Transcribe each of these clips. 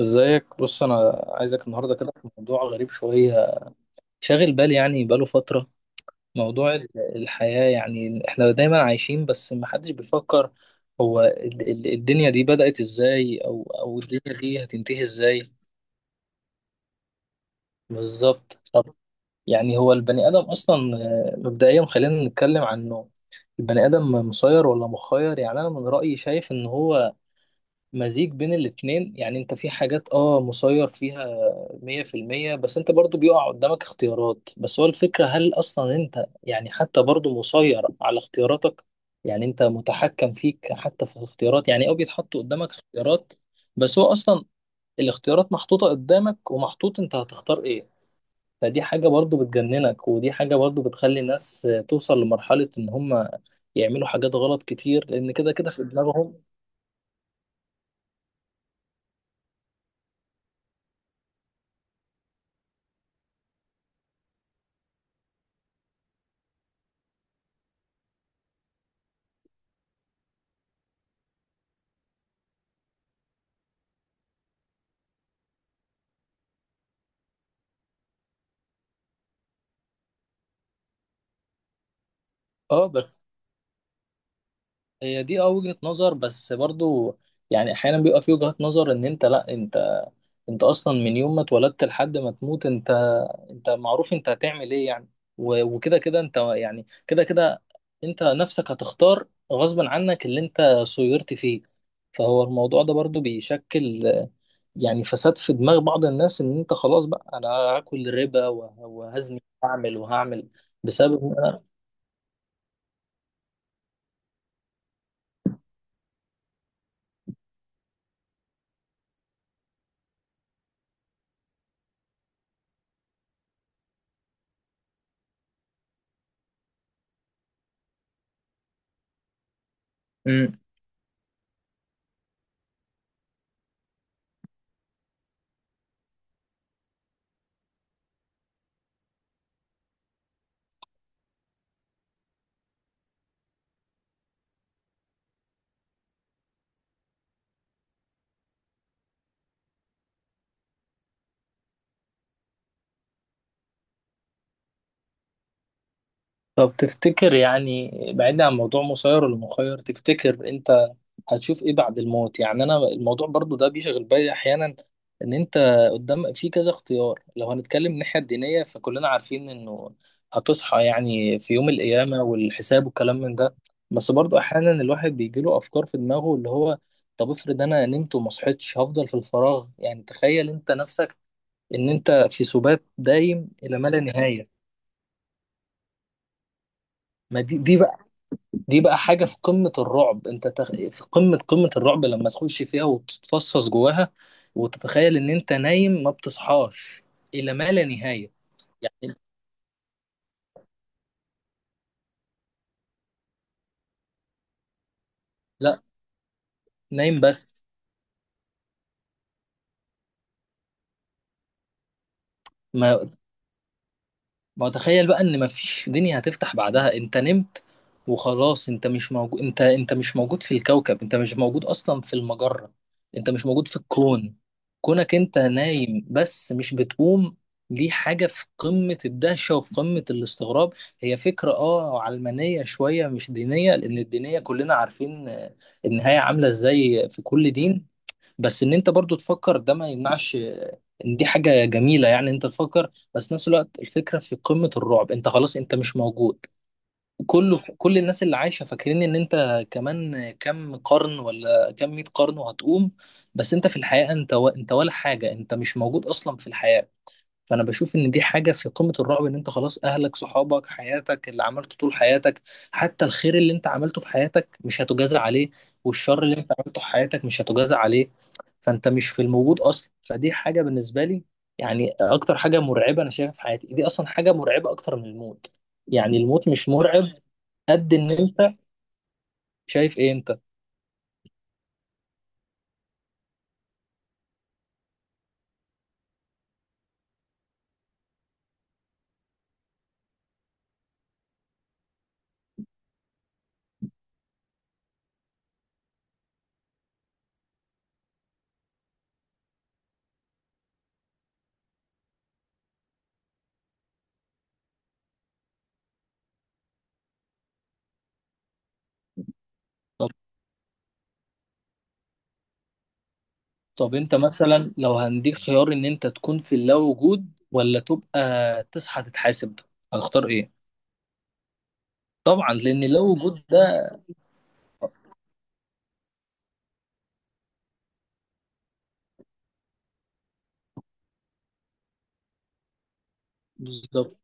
ازيك؟ بص، انا عايزك النهارده كده في موضوع غريب شويه، شاغل بالي يعني بقاله فتره. موضوع الحياه، يعني احنا دايما عايشين بس ما حدش بيفكر هو الدنيا دي بدأت ازاي، او الدنيا دي هتنتهي ازاي. بالظبط. طب يعني هو البني ادم اصلا مبدئيا خلينا نتكلم عنه. البني ادم مسير ولا مخير؟ يعني انا من رأيي شايف ان هو مزيج بين الاتنين. يعني انت في حاجات اه مسير فيها مية في المية، بس انت برضو بيقع قدامك اختيارات. بس هو الفكرة هل اصلا انت يعني حتى برضو مسير على اختياراتك؟ يعني انت متحكم فيك حتى في الاختيارات، يعني او بيتحط قدامك اختيارات بس هو اصلا الاختيارات محطوطة قدامك ومحطوط انت هتختار ايه. فدي حاجة برضو بتجننك، ودي حاجة برضو بتخلي الناس توصل لمرحلة ان هم يعملوا حاجات غلط كتير لان كده كده في دماغهم. اه، بس هي دي اه وجهة نظر. بس برضو يعني احيانا بيبقى في وجهات نظر ان انت لا، انت انت اصلا من يوم ما اتولدت لحد ما تموت انت انت معروف انت هتعمل ايه، يعني وكده كده انت يعني كده كده انت نفسك هتختار غصبا عنك اللي انت صيرت فيه. فهو الموضوع ده برضو بيشكل يعني فساد في دماغ بعض الناس ان انت خلاص بقى انا هاكل ربا وهزني وهعمل وهعمل بسبب إن أنا. طب تفتكر يعني، بعيدا عن موضوع مسير ولا مخير، تفتكر انت هتشوف ايه بعد الموت؟ يعني انا الموضوع برضو ده بيشغل بالي احيانا. ان انت قدام في كذا اختيار، لو هنتكلم من الناحية الدينية فكلنا عارفين انه هتصحى يعني في يوم القيامة والحساب والكلام من ده. بس برضو احيانا الواحد بيجيله افكار في دماغه اللي هو طب افرض انا نمت وما صحيتش، هفضل في الفراغ. يعني تخيل انت نفسك ان انت في سبات دايم الى ما لا نهاية. ما دي دي بقى حاجة في قمة الرعب، انت في قمة قمة الرعب لما تخش فيها وتتفصص جواها وتتخيل ان انت نايم ما بتصحاش الى ما لا نهاية. يعني لا، نايم بس. ما ما هو تخيل بقى ان مفيش دنيا هتفتح بعدها، انت نمت وخلاص. انت مش موجود، انت انت مش موجود في الكوكب، انت مش موجود اصلا في المجرة، انت مش موجود في الكون. كونك انت نايم بس مش بتقوم، دي حاجة في قمة الدهشة وفي قمة الاستغراب. هي فكرة اه علمانية شوية مش دينية، لأن الدينية كلنا عارفين النهاية عاملة ازاي في كل دين. بس ان انت برضو تفكر ده ما يمنعش ان دي حاجة جميلة، يعني انت تفكر. بس نفس الوقت الفكرة في قمة الرعب، انت خلاص انت مش موجود. كله كل الناس اللي عايشة فاكرين ان انت كمان كام قرن ولا كام مية قرن وهتقوم، بس انت في الحقيقة انت ولا حاجة، انت مش موجود اصلا في الحياة. فانا بشوف ان دي حاجه في قمه الرعب، ان انت خلاص اهلك صحابك حياتك اللي عملته طول حياتك، حتى الخير اللي انت عملته في حياتك مش هتجازى عليه، والشر اللي انت عملته في حياتك مش هتجازى عليه، فانت مش في الموجود اصلا. فدي حاجه بالنسبه لي يعني اكتر حاجه مرعبه انا شايفها في حياتي، دي اصلا حاجه مرعبه اكتر من الموت. يعني الموت مش مرعب قد ان انت. شايف ايه انت؟ طب طب انت مثلا لو هنديك خيار ان انت تكون في اللا وجود ولا تبقى تصحى تتحاسب، هتختار ايه؟ طبعا، لان لو وجود ده. بالظبط.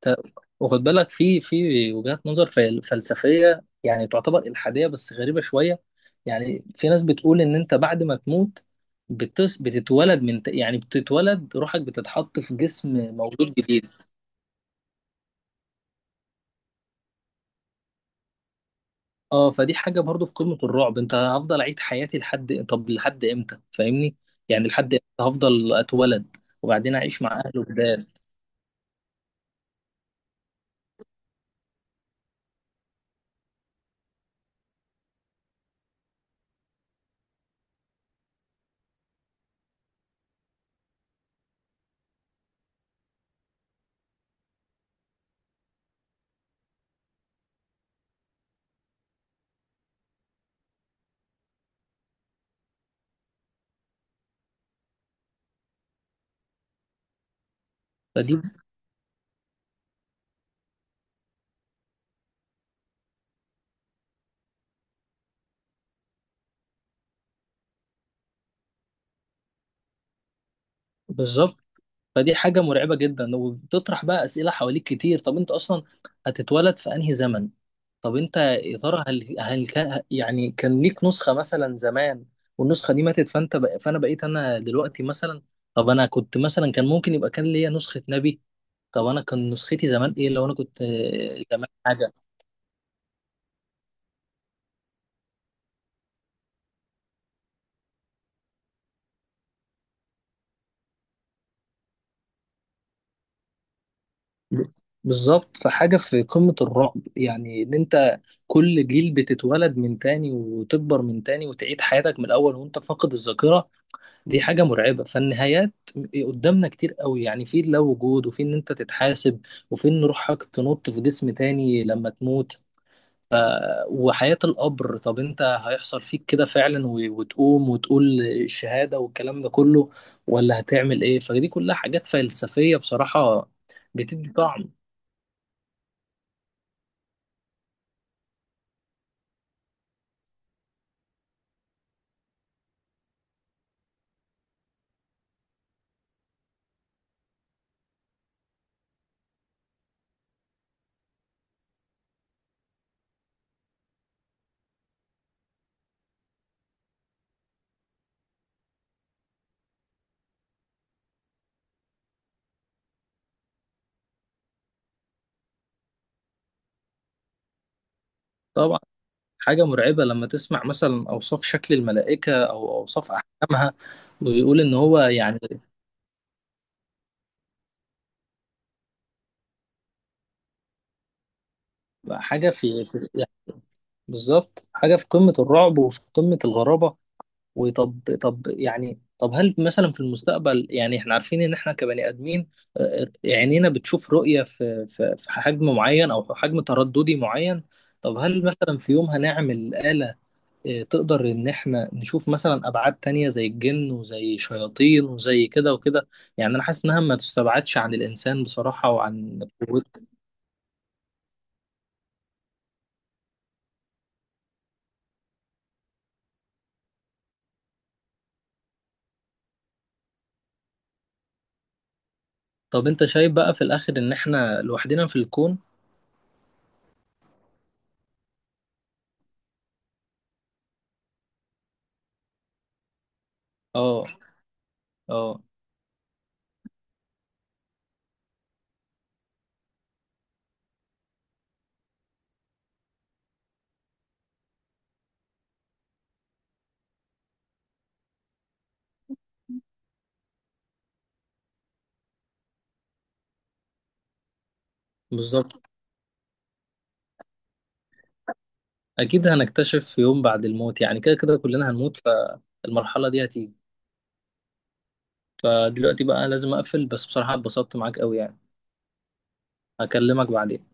ت- واخد بالك في في وجهات نظر فلسفيه يعني تعتبر الحاديه بس غريبه شويه. يعني في ناس بتقول ان انت بعد ما تموت بتتولد من يعني بتتولد روحك بتتحط في جسم مولود جديد. اه، فدي حاجه برضو في قمه الرعب، انت هفضل اعيد حياتي لحد طب لحد امتى؟ فاهمني يعني لحد امتى هفضل اتولد وبعدين اعيش مع اهله جداد؟ فدي بالظبط فدي حاجة مرعبة جدا، وبتطرح بقى أسئلة حواليك كتير. طب أنت أصلا هتتولد في أنهي زمن؟ طب أنت يا ترى هل كان يعني كان ليك نسخة مثلا زمان والنسخة دي ماتت، فأنا بقيت أنا دلوقتي مثلا؟ طب أنا كنت مثلا كان ممكن يبقى كان ليا نسخة نبي. طب أنا كان نسختي زمان إيه، لو أنا كنت زمان حاجة. بالظبط، فحاجة في قمة الرعب، يعني إن أنت كل جيل بتتولد من تاني وتكبر من تاني وتعيد حياتك من الأول وأنت فاقد الذاكرة، دي حاجة مرعبة. فالنهايات قدامنا كتير قوي، يعني في اللا وجود، وفي ان انت تتحاسب، وفي ان روحك تنط في جسم تاني لما تموت، وحياة القبر. طب انت هيحصل فيك كده فعلا وتقوم وتقول الشهادة والكلام ده كله، ولا هتعمل ايه؟ فدي كلها حاجات فلسفية بصراحة، بتدي طعم. طبعا. حاجة مرعبة لما تسمع مثلا أوصاف شكل الملائكة أو أوصاف أحكامها، ويقول إن هو يعني حاجة في في يعني بالظبط حاجه في قمه الرعب وفي قمه الغرابه. وطب طب يعني طب هل مثلا في المستقبل، يعني احنا عارفين ان احنا كبني ادمين عينينا بتشوف رؤيه في في في حجم معين او حجم ترددي معين. طب هل مثلا في يوم هنعمل آلة تقدر ان احنا نشوف مثلا ابعاد تانية زي الجن وزي شياطين وزي كده وكده؟ يعني انا حاسس انها ما تستبعدش عن الانسان بصراحة وعن قوته. طب انت شايف بقى في الاخر ان احنا لوحدنا في الكون؟ اه، اه. بالظبط. اكيد هنكتشف في يوم، بعد الموت، يعني كده كده كلنا هنموت فالمرحله دي هتيجي. فدلوقتي بقى لازم اقفل، بس بصراحه اتبسطت معاك قوي يعني. هكلمك بعدين.